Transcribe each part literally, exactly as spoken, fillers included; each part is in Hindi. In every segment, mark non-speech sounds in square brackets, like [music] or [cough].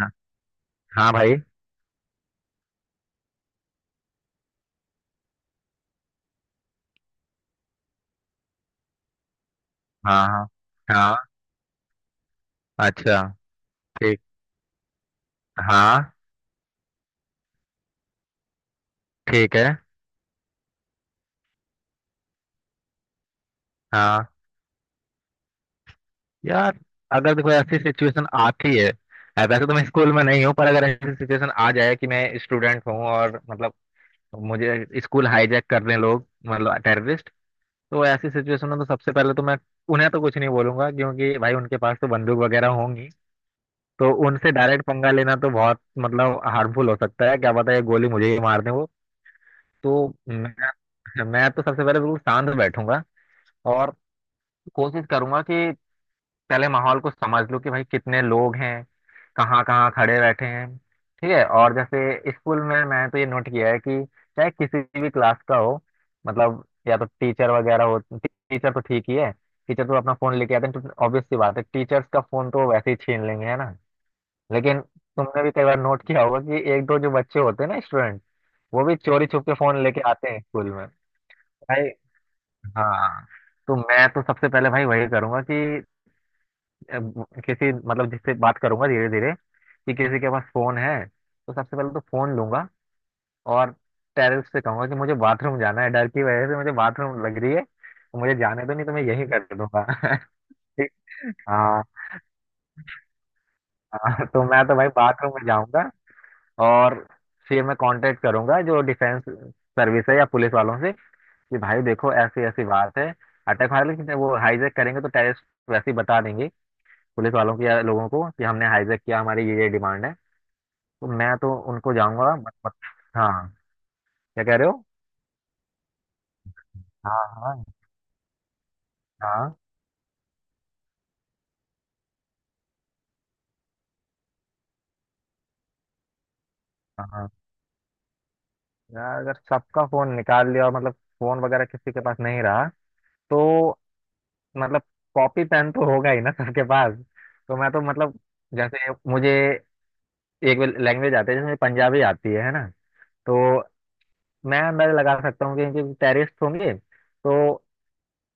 हाँ हाँ भाई। हाँ हाँ हाँ। अच्छा। ठीक। हाँ। ठीक है। हाँ। यार, अगर देखो ऐसी सिचुएशन आती है। अब वैसे तो मैं स्कूल में नहीं हूँ, पर अगर ऐसी सिचुएशन आ जाए कि मैं स्टूडेंट हूँ और मतलब मुझे स्कूल हाईजैक कर रहे हैं लोग, मतलब टेररिस्ट। तो ऐसी सिचुएशन में तो सबसे पहले तो मैं उन्हें तो कुछ नहीं बोलूंगा, क्योंकि भाई उनके पास तो बंदूक वगैरह होंगी। तो उनसे डायरेक्ट पंगा लेना तो बहुत मतलब हार्मफुल हो सकता है, क्या पता ये गोली मुझे ही मार दे। तो मैं अच्छा, मैं तो सबसे पहले बिल्कुल शांत बैठूंगा। और कोशिश करूंगा कि पहले माहौल को समझ लूं कि भाई कितने लोग हैं, कहाँ कहाँ खड़े बैठे हैं। ठीक है। और जैसे स्कूल में मैंने तो ये नोट किया है कि चाहे किसी भी क्लास का हो, मतलब या तो टीचर वगैरह हो, टीचर तो ठीक ही है। टीचर तो अपना फोन लेके आते हैं तो ऑब्वियस सी बात है, टीचर्स का फोन तो वैसे ही छीन लेंगे, है ना। लेकिन तुमने भी कई बार नोट किया होगा कि एक दो जो बच्चे होते हैं ना स्टूडेंट, वो भी चोरी छुप के फोन लेके आते हैं स्कूल में। भाई। हाँ। तो मैं तो सबसे पहले भाई वही करूंगा कि अ, किसी मतलब जिससे बात करूंगा धीरे धीरे कि किसी के पास फोन है तो सबसे पहले तो फोन लूंगा। और टेरेस से कहूंगा कि मुझे बाथरूम जाना है, डर की वजह से मुझे बाथरूम लग रही है, तो मुझे जाने दो, नहीं तो मैं यही कर दूंगा। [laughs] ठीक। हाँ। हाँ, तो मैं तो भाई बाथरूम में जाऊंगा। और फिर मैं कांटेक्ट करूंगा जो डिफेंस सर्विस है या पुलिस वालों से कि भाई देखो ऐसी ऐसी बात है, अटैक। हालांकि वो हाईजैक करेंगे तो टेररिस्ट वैसे ही बता देंगे पुलिस वालों की या लोगों को कि हमने हाईजैक किया, हमारी ये ये डिमांड है। तो मैं तो उनको जाऊंगा, मत, मत। हाँ। क्या कह रहे हो? हाँ। हाँ। हाँ। हाँ। यार अगर सबका फोन निकाल लिया और मतलब फोन वगैरह किसी के पास नहीं रहा, तो मतलब कॉपी पेन तो होगा ही ना सबके पास। तो मैं तो मतलब जैसे मुझे एक लैंग्वेज आती है, जैसे मुझे पंजाबी आती है है ना। तो मैं अंदाजा लगा सकता हूँ कि टेररिस्ट होंगे तो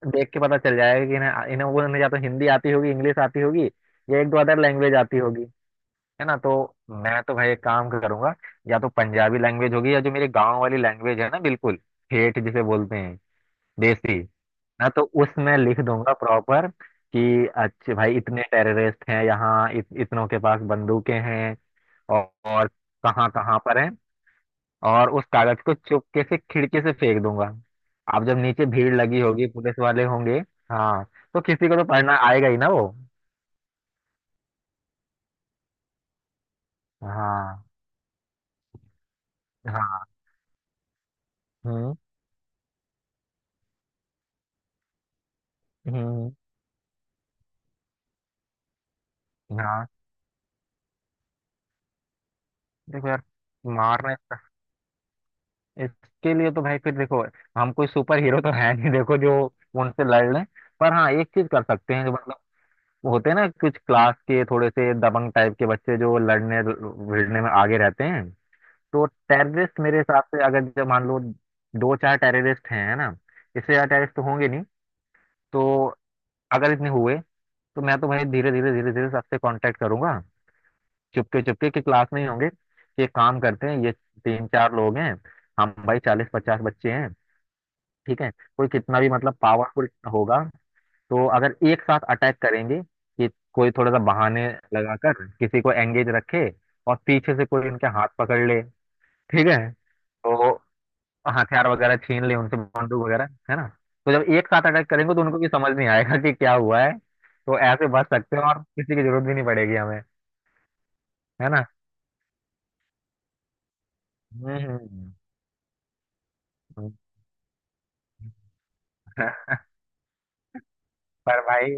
देख के पता चल जाएगा कि इन्हें इन्हें वो इन्हें या तो हिंदी आती होगी, इंग्लिश आती होगी, या एक दो अदर लैंग्वेज आती होगी। है ना। तो मैं तो भाई एक काम करूंगा, या तो पंजाबी लैंग्वेज होगी या जो मेरे गांव वाली लैंग्वेज है ना, बिल्कुल ठेठ जिसे बोलते हैं, देसी। ना तो उसमें लिख दूंगा प्रॉपर कि अच्छे भाई इतने टेररिस्ट हैं यहाँ, इत, इतनों के पास बंदूकें हैं और, और कहाँ कहाँ पर हैं। और उस कागज को चुपके से खिड़की से फेंक दूंगा। अब जब नीचे भीड़ लगी होगी, पुलिस वाले होंगे, हाँ, तो किसी को तो पढ़ना आएगा ही ना वो। हाँ। हाँ। हम्म। हम्म। हाँ। देखो यार, मारना इसका, इसके लिए तो भाई फिर देखो, हम कोई सुपर हीरो तो है नहीं देखो जो उनसे लड़ लें। पर हाँ एक चीज कर सकते हैं जो मतलब होते हैं ना कुछ क्लास के थोड़े से दबंग टाइप के बच्चे जो लड़ने भिड़ने में आगे रहते हैं। तो टेररिस्ट मेरे हिसाब से अगर जब मान लो दो चार टेररिस्ट हैं है ना, इससे ज्यादा टेररिस्ट तो होंगे नहीं। तो अगर इतने हुए तो मैं तो भाई धीरे धीरे धीरे धीरे सबसे कांटेक्ट करूंगा, चुपके चुपके, कि क्लास में ही होंगे, कि एक काम करते हैं, ये तीन चार लोग हैं, हम भाई चालीस पचास बच्चे हैं। ठीक है। कोई कितना भी मतलब पावरफुल होगा, तो अगर एक साथ अटैक करेंगे, कि कोई थोड़ा सा बहाने लगाकर किसी को एंगेज रखे, और पीछे से कोई इनके हाथ पकड़ ले। ठीक है। तो हथियार वगैरह छीन ले उनसे, बंदूक वगैरह, है ना। तो जब एक साथ अटैक करेंगे तो उनको भी समझ नहीं आएगा कि क्या हुआ है। तो ऐसे बच सकते हैं और किसी की जरूरत भी नहीं पड़ेगी हमें। है ना। हम्म। [laughs] पर भाई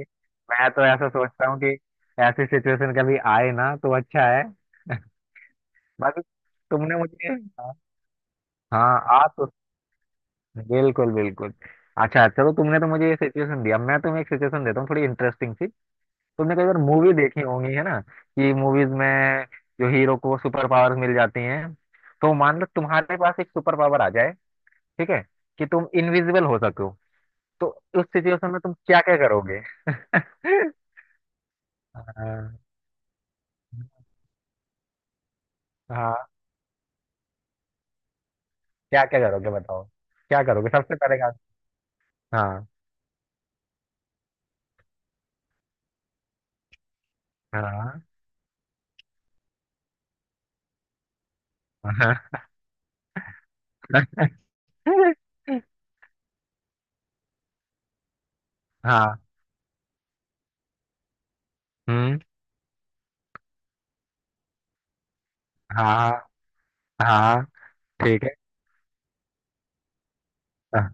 मैं तो ऐसा सोचता हूँ कि ऐसी सिचुएशन कभी आए ना तो अच्छा है। बाकी तुमने मुझे, हाँ, आज तो बिल्कुल बिल्कुल। अच्छा अच्छा, तो तुमने तो मुझे ये सिचुएशन दिया, मैं तुम्हें एक सिचुएशन देता हूँ थोड़ी इंटरेस्टिंग सी। तुमने कई बार मूवी देखी होंगी है ना कि मूवीज में जो हीरो को सुपर पावर्स मिल जाती हैं। तो मान लो तुम्हारे पास एक सुपर पावर आ जाए, ठीक है, कि तुम इनविजिबल हो सको। तो उस सिचुएशन में तुम क्या क्या करोगे? [laughs] हाँ। हाँ। क्या क्या करोगे बताओ? क्या करोगे सबसे पहले का? हाँ। हाँ। हाँ। [laughs] हाँ। हम्म। हाँ। हाँ। ठीक है। हाँ।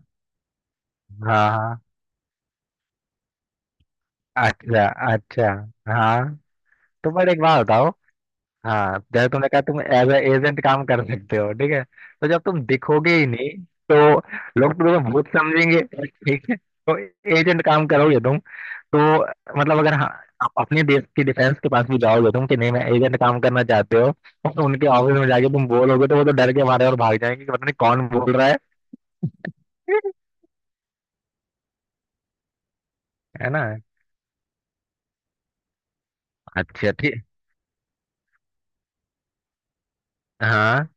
हाँ। अच्छा। अच्छा। हाँ। तो पर एक बात बताओ, हाँ, जैसे तुमने कहा तुम एज एजेंट काम कर सकते हो, ठीक है, तो जब तुम दिखोगे ही नहीं तो लोग तुम्हें भूत समझेंगे। ठीक है। तो एजेंट काम करोगे तुम? तो मतलब अगर हाँ आप अपने देश की डिफेंस के पास भी जाओगे तुम कि नहीं मैं एजेंट काम करना चाहते हो? और उनके ऑफिस में जाके तुम बोलोगे तो वो तो डर के मारे और भाग जाएंगे कि पता नहीं कौन बोल रहा है। है ना। अच्छा। ठीक। हाँ।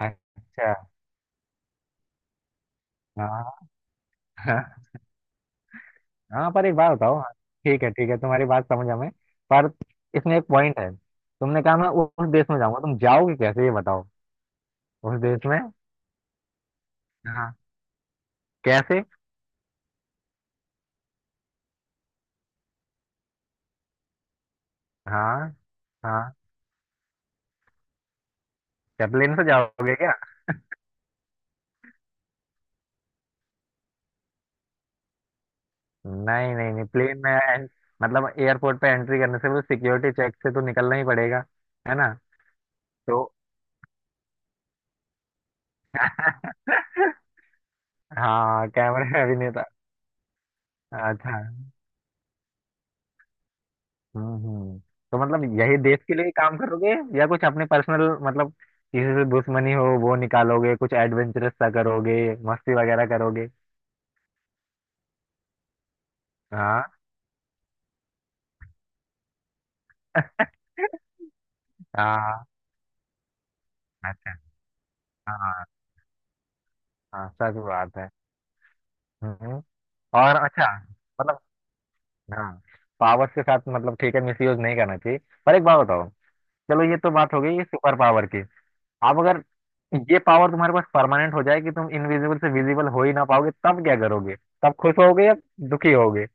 अच्छा। हाँ। हाँ, पर एक बात बताओ। ठीक है, ठीक है, तुम्हारी बात समझ हमें। पर इसमें एक पॉइंट है, तुमने कहा मैं उ- उस देश में जाऊंगा, तुम जाओगे कैसे ये बताओ। उस देश में। हाँ। कैसे? हाँ। हाँ। क्या प्लेन से जाओगे क्या? नहीं नहीं नहीं प्लेन में एं- मतलब एयरपोर्ट पे एंट्री करने से वो सिक्योरिटी चेक से तो निकलना ही पड़ेगा। है ना। तो हाँ कैमरे अभिनेता। [laughs] अच्छा। हम्म। हम्म। तो मतलब यही देश के लिए ही काम करोगे या कुछ अपने पर्सनल मतलब किसी से दुश्मनी हो वो निकालोगे कुछ एडवेंचरस सा करोगे मस्ती वगैरह करोगे? हाँ। हाँ। अच्छा। हाँ। हाँ, सच बात है। हम्म। और अच्छा, मतलब, हाँ, पावर्स के साथ मतलब ठीक है मिसयूज नहीं करना चाहिए। पर एक बात बताओ, चलो, ये तो बात हो गई ये सुपर पावर की। अब अगर ये पावर तुम्हारे पास परमानेंट हो जाए कि तुम इनविजिबल से विजिबल हो ही ना पाओगे, तब क्या करोगे? तब खुश होगे या दुखी होगे?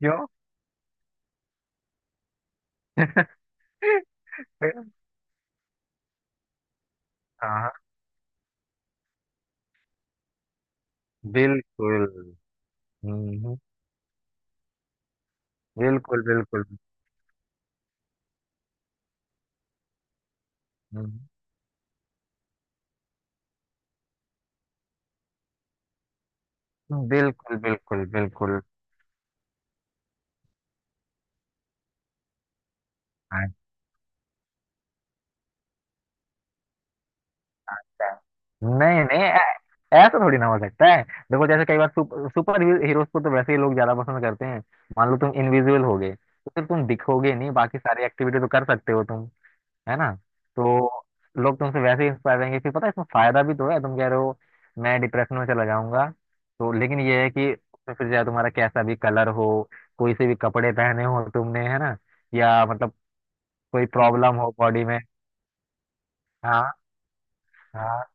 क्यों? हाँ। बिल्कुल। हम्म। बिल्कुल बिल्कुल। हम्म। बिल्कुल बिल्कुल बिल्कुल। अच्छा। नहीं नहीं ऐ- ऐसा थोड़ी ना हो सकता है। देखो जैसे कई बार सुप, सुपर हीरोज को तो वैसे ही लोग ज्यादा पसंद करते हैं। मान लो तुम इनविजिबल हो गए तो फिर तुम दिखोगे नहीं, बाकी सारी एक्टिविटी तो कर सकते हो तुम, है ना। तो लोग तुमसे वैसे ही इंस्पायर रहेंगे, फिर पता है इसमें फायदा भी तो है, तुम कह रहे हो मैं डिप्रेशन में चला जाऊंगा। तो लेकिन ये है कि उसमें फिर चाहे तुम्हारा कैसा भी कलर हो, कोई से भी कपड़े पहने हो तुमने, है ना, या मतलब कोई प्रॉब्लम हो बॉडी में। हाँ। हाँ।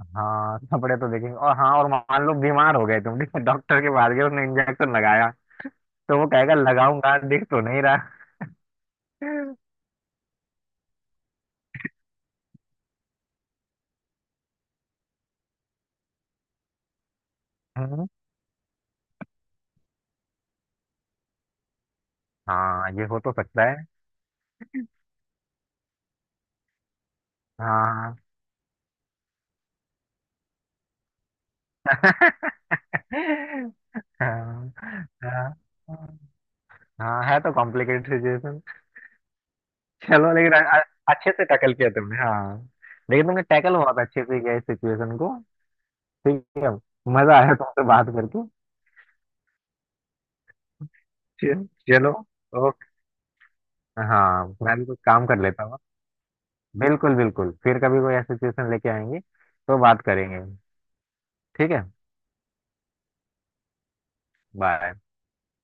हाँ, कपड़े तो देखेंगे। और हाँ, और मान लो बीमार हो गए तुम, ठीक है? डॉक्टर के पास गए, उसने इंजेक्शन लगाया। तो वो कहेगा लगाऊंगा, दिख तो नहीं रहा। [laughs] हम्म। हाँ, ये हो तो सकता है। हाँ। [laughs] हाँ। हाँ। हाँ, है तो कॉम्प्लिकेटेड सिचुएशन। चलो लेकिन अ- अ- अच्छे से टैकल किया तुमने, हाँ। लेकिन तुमने टैकल बहुत अच्छे से किया इस सिचुएशन को। ठीक है। मजा आया तुमसे बात करके। चल- चलो। ओके। हाँ, मैं भी कुछ काम कर लेता हूँ। बिल्कुल बिल्कुल फिर कभी कोई ऐसी सिचुएशन लेके आएंगे तो बात करेंगे। ठीक है। बाय।